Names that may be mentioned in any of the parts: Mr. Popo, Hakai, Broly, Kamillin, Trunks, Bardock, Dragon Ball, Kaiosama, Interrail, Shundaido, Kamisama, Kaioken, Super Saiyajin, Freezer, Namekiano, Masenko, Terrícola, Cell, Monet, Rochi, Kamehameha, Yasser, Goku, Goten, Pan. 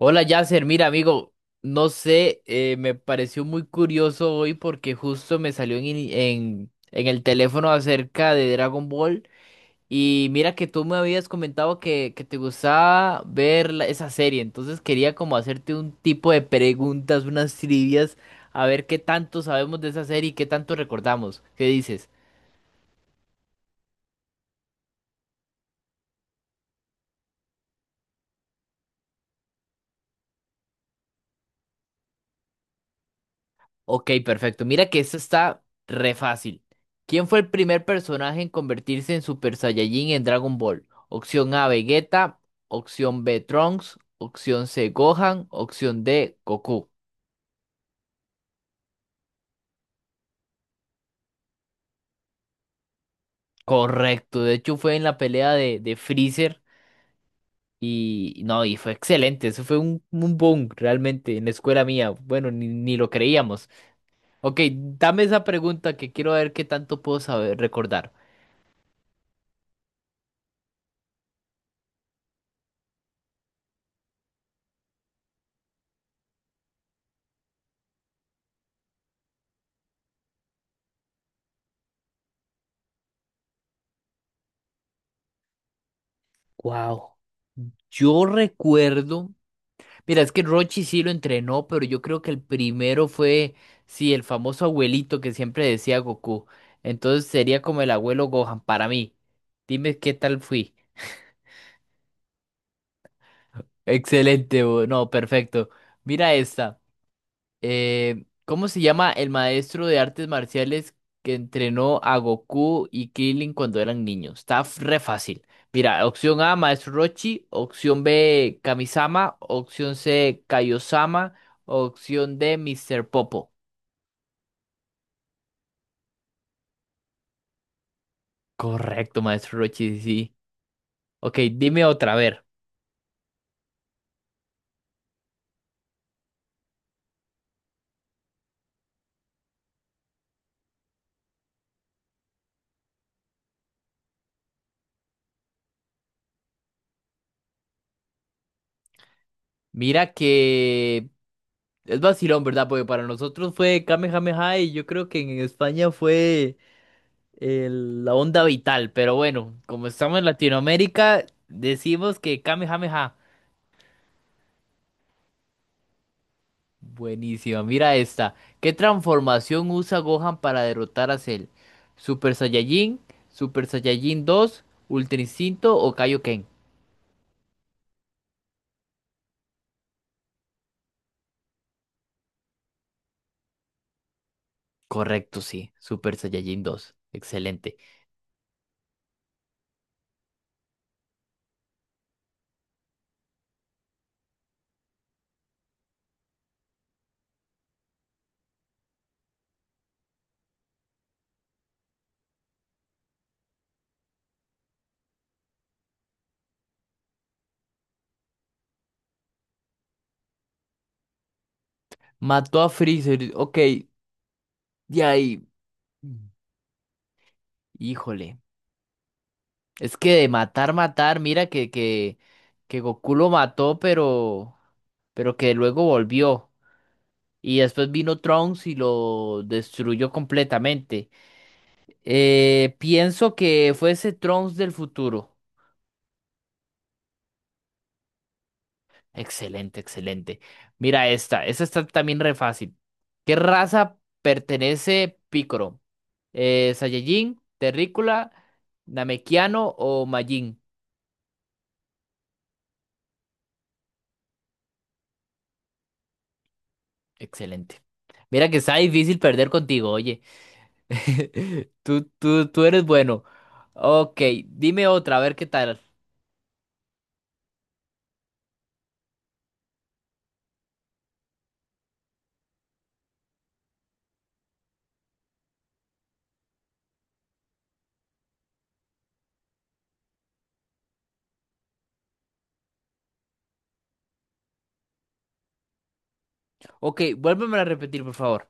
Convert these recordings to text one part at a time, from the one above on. Hola Yasser, mira amigo, no sé, me pareció muy curioso hoy porque justo me salió en el teléfono acerca de Dragon Ball y mira que tú me habías comentado que te gustaba ver esa serie, entonces quería como hacerte un tipo de preguntas, unas trivias, a ver qué tanto sabemos de esa serie y qué tanto recordamos. ¿Qué dices? Ok, perfecto. Mira que esto está re fácil. ¿Quién fue el primer personaje en convertirse en Super Saiyajin en Dragon Ball? Opción A, Vegeta. Opción B, Trunks. Opción C, Gohan. Opción D, Goku. Correcto. De hecho, fue en la pelea de Freezer. Y no, y fue excelente. Eso fue un boom realmente en la escuela mía. Bueno, ni lo creíamos. Ok, dame esa pregunta que quiero ver qué tanto puedo saber recordar. Wow. Yo recuerdo. Mira, es que Rochi sí lo entrenó, pero yo creo que el primero fue, sí, el famoso abuelito que siempre decía Goku. Entonces sería como el abuelo Gohan para mí. Dime qué tal fui. Excelente, no, perfecto. Mira esta. ¿Cómo se llama el maestro de artes marciales que entrenó a Goku y Krillin cuando eran niños? Está re fácil. Mira, opción A, Maestro Rochi, opción B, Kamisama, opción C, Kaiosama, opción D, Mr. Popo. Correcto, Maestro Rochi, sí. Sí. Ok, dime otra, a ver. Mira que es vacilón, ¿verdad? Porque para nosotros fue Kamehameha y yo creo que en España fue la onda vital, pero bueno, como estamos en Latinoamérica, decimos que Kamehameha. Buenísima, mira esta. ¿Qué transformación usa Gohan para derrotar a Cell? ¿Super Saiyajin, Super Saiyajin 2 Ultra Instinto o Kaioken? Correcto, sí, Super Saiyajin 2. Excelente. Mató a Freezer, ok, de ahí. Híjole. Es que de matar, matar, mira que Goku lo mató, pero que luego volvió. Y después vino Trunks y lo destruyó completamente. Pienso que fue ese Trunks del futuro. Excelente, excelente. Mira esta, esta está también re fácil. ¿Qué raza pertenece Piccolo? ¿Saiyajin, Terrícola, Namekiano o Majin? Excelente. Mira que está difícil perder contigo, oye. Tú eres bueno. Ok, dime otra, a ver qué tal. Ok, vuélveme a repetir, por favor.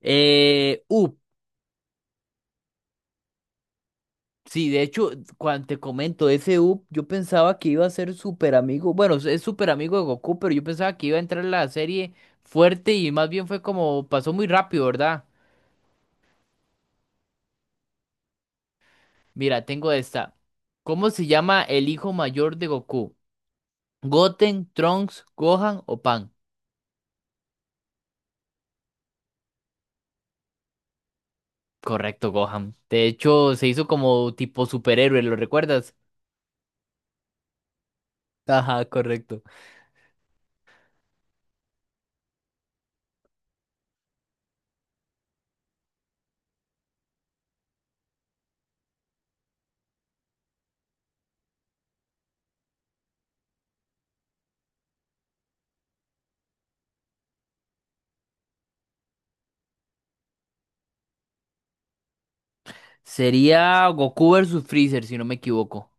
Up. Sí, de hecho, cuando te comento ese up, yo pensaba que iba a ser súper amigo. Bueno, es súper amigo de Goku, pero yo pensaba que iba a entrar en la serie fuerte y más bien fue como pasó muy rápido, ¿verdad? Mira, tengo esta. ¿Cómo se llama el hijo mayor de Goku? ¿Goten, Trunks, Gohan o Pan? Correcto, Gohan. De hecho, se hizo como tipo superhéroe, ¿lo recuerdas? Ajá, correcto. Sería Goku versus Freezer, si no me equivoco.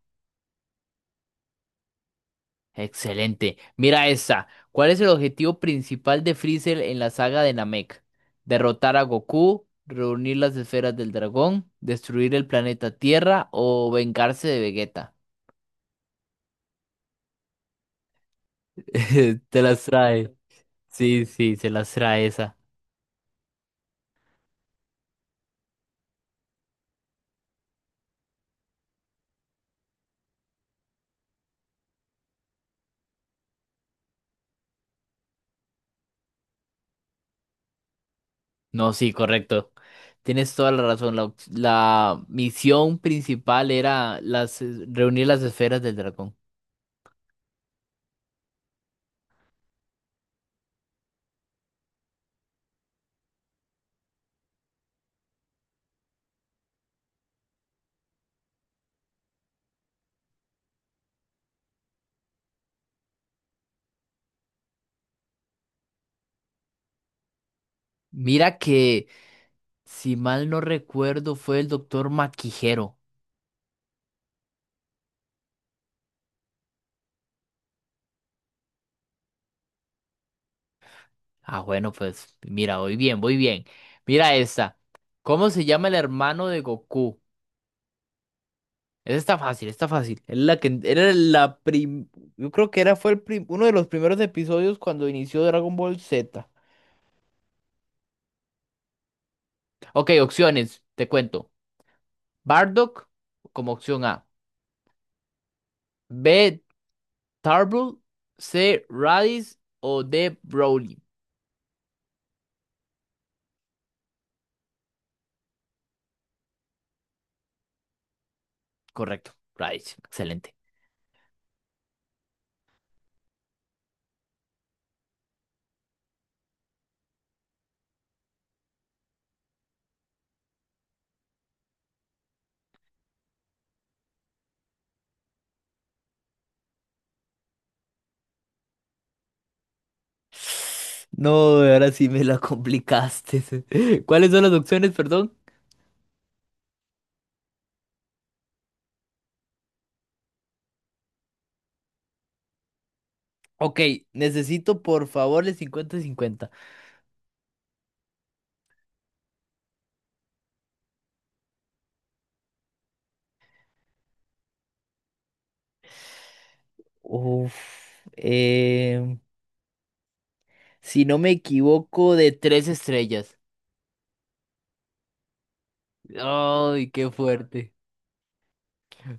Excelente. Mira esta. ¿Cuál es el objetivo principal de Freezer en la saga de Namek? ¿Derrotar a Goku, reunir las esferas del dragón, destruir el planeta Tierra o vengarse de Vegeta? Te las trae. Sí, sí, se las trae esa. No, sí, correcto. Tienes toda la razón. La, la misión principal era las, reunir las esferas del dragón. Mira que, si mal no recuerdo, fue el doctor Maquijero. Ah, bueno, pues mira, voy bien, voy bien. Mira esta. ¿Cómo se llama el hermano de Goku? Esa está fácil, está fácil. Es la que era la prim, yo creo que era fue el uno de los primeros episodios cuando inició Dragon Ball Z. Ok, opciones, te cuento. Bardock como opción A. B. Tarbell, C. Radish o D. Broly. Correcto, Radish. Excelente. No, ahora sí me la complicaste. ¿Cuáles son las opciones, perdón? Ok, necesito por favor el 50 y 50. Uf, em, si no me equivoco, de 3 estrellas. Ay, qué fuerte.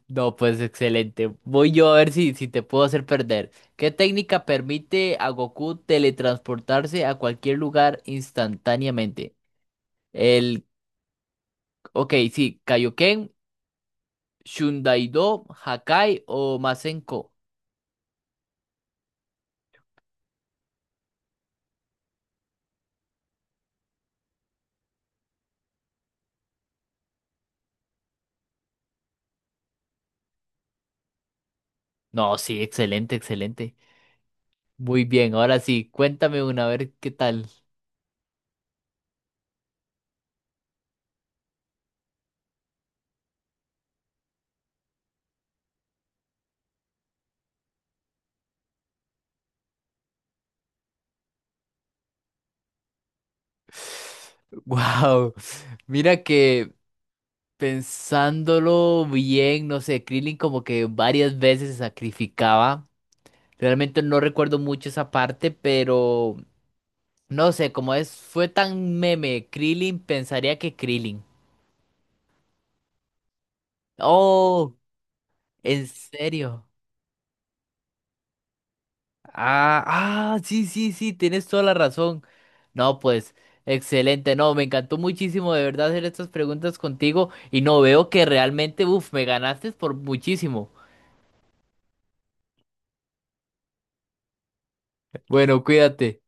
No, pues excelente. Voy yo a ver si, si te puedo hacer perder. ¿Qué técnica permite a Goku teletransportarse a cualquier lugar instantáneamente? El, ok, sí, Kaioken, Shundaido, Hakai o Masenko. No, sí, excelente, excelente. Muy bien, ahora sí, cuéntame una, a ver qué tal. Wow, mira que pensándolo bien, no sé, Krillin como que varias veces se sacrificaba. Realmente no recuerdo mucho esa parte, pero no sé, como es, fue tan meme, Krillin, pensaría que Krillin. Oh, ¿en serio? Ah, ah, sí, sí, sí, tienes toda la razón. No, pues, excelente, no, me encantó muchísimo de verdad hacer estas preguntas contigo y no veo que realmente, uff, me ganaste por muchísimo. Bueno, cuídate.